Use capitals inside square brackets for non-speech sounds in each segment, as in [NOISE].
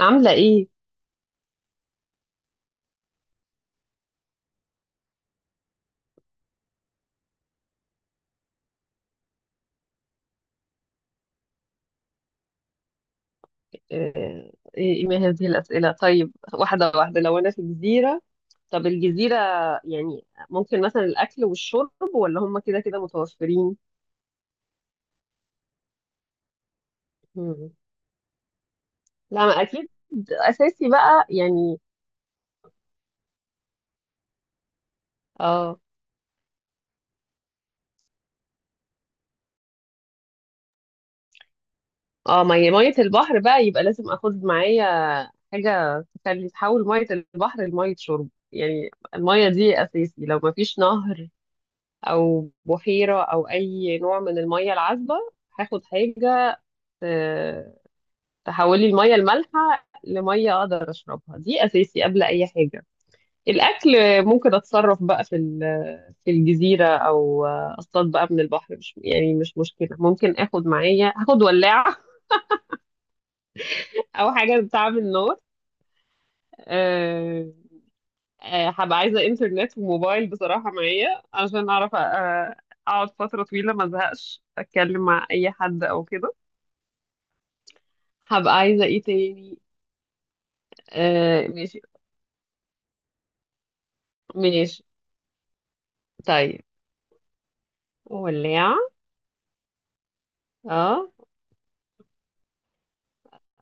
عاملة إيه؟ إيه ما هذه الأسئلة؟ طيب، واحدة واحدة، لو أنا في جزيرة. طب الجزيرة يعني ممكن مثلا الأكل والشرب، ولا هم كده كده متوفرين؟ مم. لا، ما أكيد أساسي بقى يعني. آه مية مية البحر بقى، يبقى لازم آخد معايا حاجة تخلي، تحول مية البحر لمية شرب. يعني المية دي أساسي، لو ما فيش نهر أو بحيرة أو أي نوع من المية العذبة، هاخد حاجة آه، تحولي المية المالحة لمية أقدر أشربها. دي أساسي قبل أي حاجة. الأكل ممكن أتصرف بقى في الجزيرة، أو أصطاد بقى من البحر. مش مشكلة، ممكن آخد معايا، هاخد ولاعة [LAUGHS] أو حاجة بتعمل نار. أه آه، هبقى عايزة إنترنت وموبايل بصراحة معايا، عشان أعرف أقعد فترة طويلة ما أزهقش أتكلم مع أي حد أو كده. هبقى عايزة إيه تاني؟ أه، ماشي. ماشي، طيب. ولاعة. اه.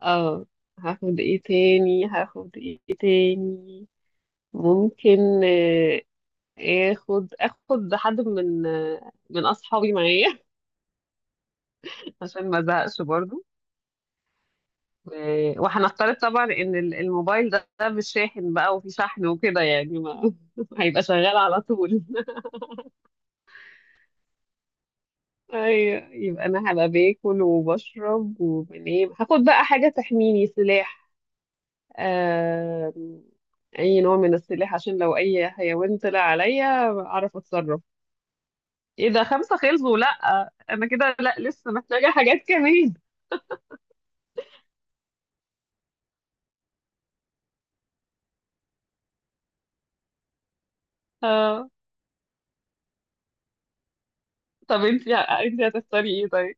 اه. هاخد ايه تاني؟ ممكن آه، اخد حد من اصحابي معايا [LAUGHS] عشان ما ازهقش برضو. وهنفترض طبعا ان الموبايل ده مش شاحن بقى، وفي شحن وكده، يعني ما [LAUGHS] هيبقى شغال على طول [LAUGHS] ايوه، يبقى انا هبقى باكل وبشرب وبنام، هاخد بقى حاجة تحميني، سلاح آه، اي نوع من السلاح، عشان لو اي حيوان طلع عليا اعرف اتصرف. ايه ده، خمسة خلصوا؟ لا، انا كده لا، لسه محتاجة حاجات كمان. اه. طب انتي هتختاري ايه طيب؟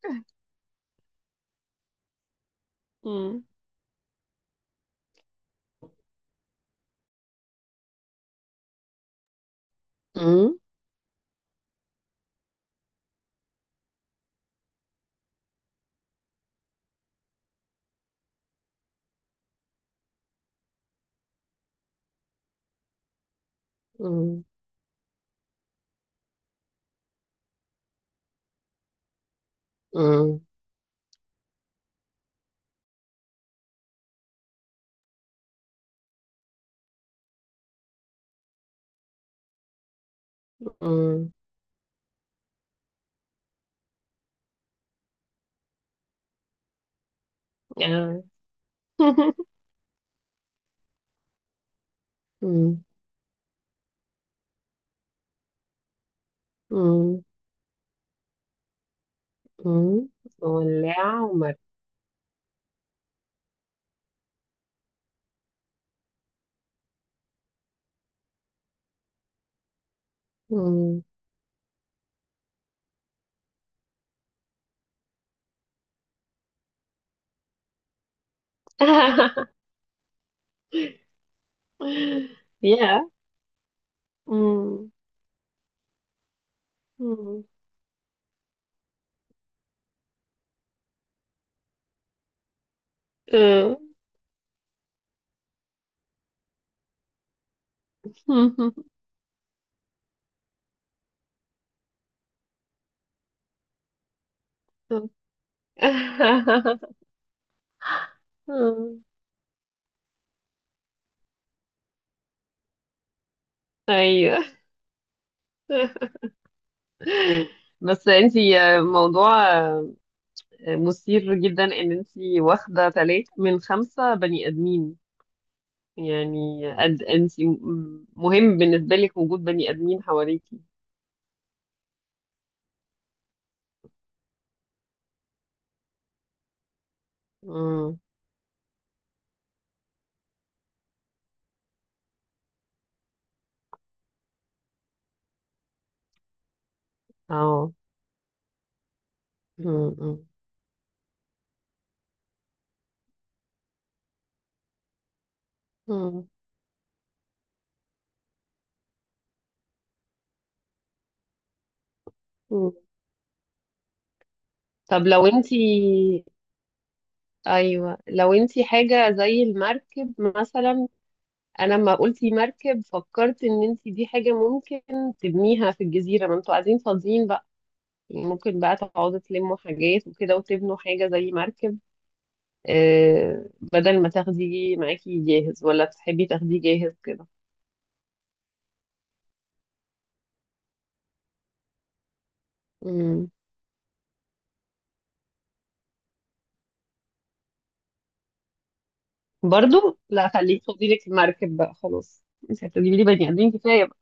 مم. [LAUGHS] مم. مم. مم. مم. آه. [LAUGHS] مم. مم. مم. ولاعة ومرة. مم. [LAUGHS] يا. مم. مم. آه. [LAUGHS] [LAUGHS] مم. ايوه. [LAUGHS] بس انتي، موضوع مثير جدا ان انتي واخده تلاتة من خمسة بني ادمين. يعني قد انتي مهم بالنسبه لك وجود بني ادمين حواليكي؟ مم. اه. مم. مم. مم. مم. طب لو انتي، ايوه، لو انتي حاجه زي المركب مثلا. انا لما قلتي مركب، فكرت ان انتي دي حاجه ممكن تبنيها في الجزيره، ما انتوا قاعدين فاضيين بقى. ممكن بقى تقعدوا تلموا حاجات وكده وتبنوا حاجة زي مركب، بدل ما تاخديه معاكي جاهز. ولا تحبي تاخديه جاهز كده؟ مم. برضو لا، خليك، خدي لك المركب بقى خلاص. مش هتجيبي لي بني آدمين، كفاية بقى.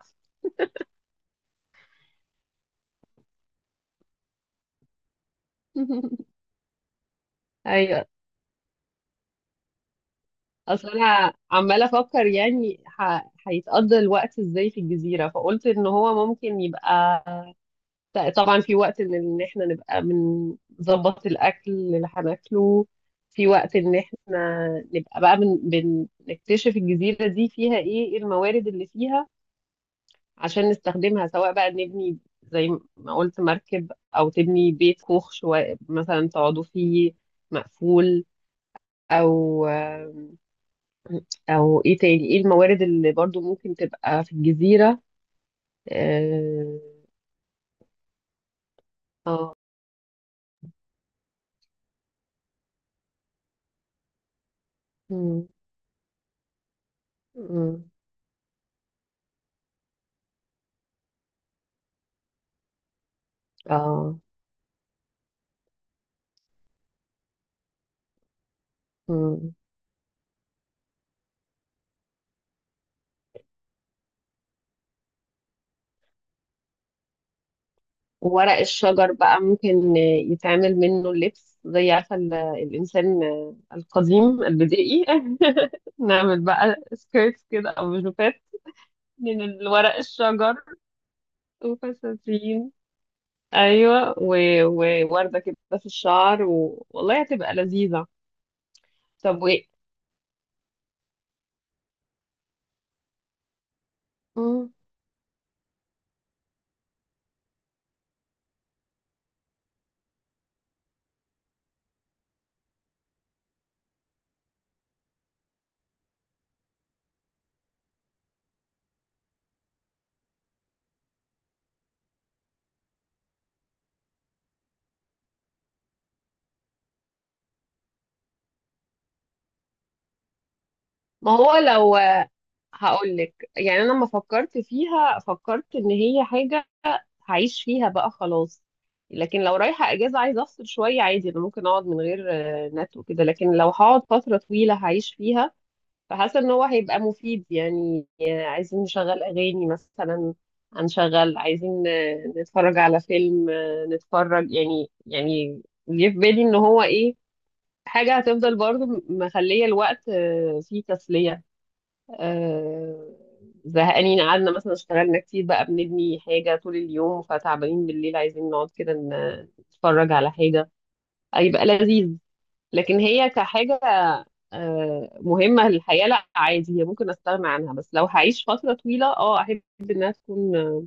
[LAUGHS] ايوه. اصل انا عمالة افكر، يعني هيتقضى الوقت ازاي في الجزيرة؟ فقلت ان هو ممكن يبقى، لا طبعا في وقت إن احنا نبقى بنظبط الاكل اللي هناكله، في وقت ان احنا نبقى بقى نكتشف الجزيره دي فيها إيه الموارد اللي فيها عشان نستخدمها، سواء بقى نبني زي ما قلت مركب، او تبني بيت كوخ شويه مثلا تقعدوا فيه مقفول، او او ايه تاني، ايه الموارد اللي برضو ممكن تبقى في الجزيره. اه. اه. مم. مم. اه. مم. وورق الشجر بقى ممكن يتعمل منه اللبس، زي عارفة الإنسان القديم البدائي. [LAUGHS] نعمل بقى سكيرتس كده أو جوبات من الورق الشجر. وفساتين؟ أيوة، ووردة كده في الشعر والله هتبقى لذيذة. طب مم. ما هو لو، هقولك يعني أنا لما فكرت فيها، فكرت إن هي حاجة هعيش فيها بقى خلاص، لكن لو رايحة اجازة عايزة افصل شوية عادي، انا ممكن اقعد من غير نت وكده، لكن لو هقعد فترة طويلة هعيش فيها، فحاسة ان هو هيبقى مفيد. يعني عايزين نشغل اغاني مثلا هنشغل، عايزين نتفرج على فيلم، نتفرج، يعني جه في بالي ان هو ايه، حاجة هتفضل برضو مخلية الوقت فيه تسلية. آه، زهقانين قعدنا مثلا، اشتغلنا كتير بقى بنبني حاجة طول اليوم فتعبانين بالليل، عايزين نقعد كده نتفرج على حاجة، هيبقى لذيذ. لكن هي كحاجة مهمة للحياة، لا عادي، هي ممكن استغنى عنها. بس لو هعيش فترة طويلة، احب انها تكون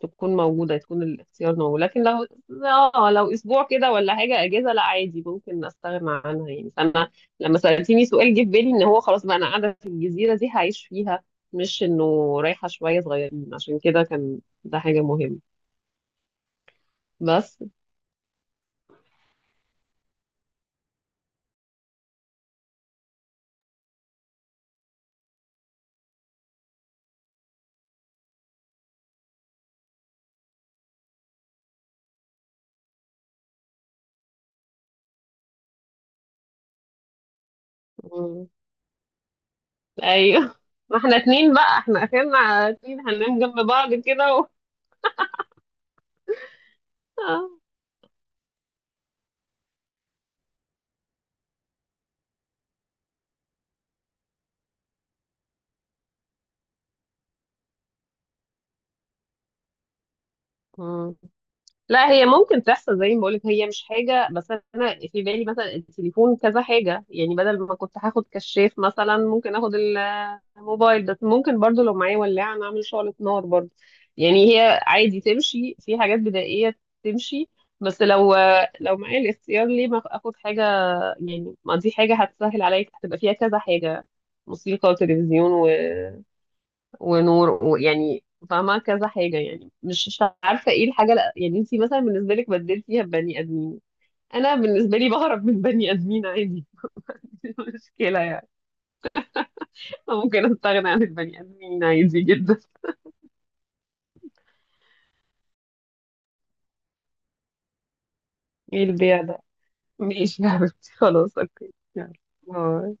تكون موجودة، تكون الاختيار موجود. لكن لو اسبوع كده ولا حاجة اجازة، لا عادي، ممكن استغنى عنها يعني. فانا لما سألتيني سؤال، جه في بالي ان هو خلاص بقى انا قاعدة في الجزيرة دي هعيش فيها، مش انه رايحة شوية صغيرين، عشان كده كان ده حاجة مهمة بس. مم. ايوه. [LAUGHS] ما احنا اتنين بقى، احنا اخرنا اتنين هننام جنب بعض كده آه. لا، هي ممكن تحصل زي ما بقولك، هي مش حاجة. بس أنا في بالي مثلا التليفون كذا حاجة، يعني بدل ما كنت هاخد كشاف مثلا ممكن اخد الموبايل، بس ممكن برضو لو معايا ولاعة نعمل شعلة نار برضو. يعني هي عادي تمشي في حاجات بدائية، تمشي. بس لو معايا الاختيار، ليه ما اخد حاجة؟ يعني ما دي حاجة هتسهل عليا، هتبقى فيها كذا حاجة، موسيقى وتلفزيون ونور، ويعني فاهمة كذا حاجة يعني. مش عارفة ايه الحاجة. لأ، يعني انتي مثلا بالنسبة لك بدلتيها ببني ادمين، انا بالنسبة لي بهرب من بني ادمين عادي. [LAUGHS] مش مشكلة يعني، ممكن استغنى عن البني ادمين عادي جدا. ايه البيع ده؟ ماشي يا حبيبتي، خلاص، اوكي، يلا، باي.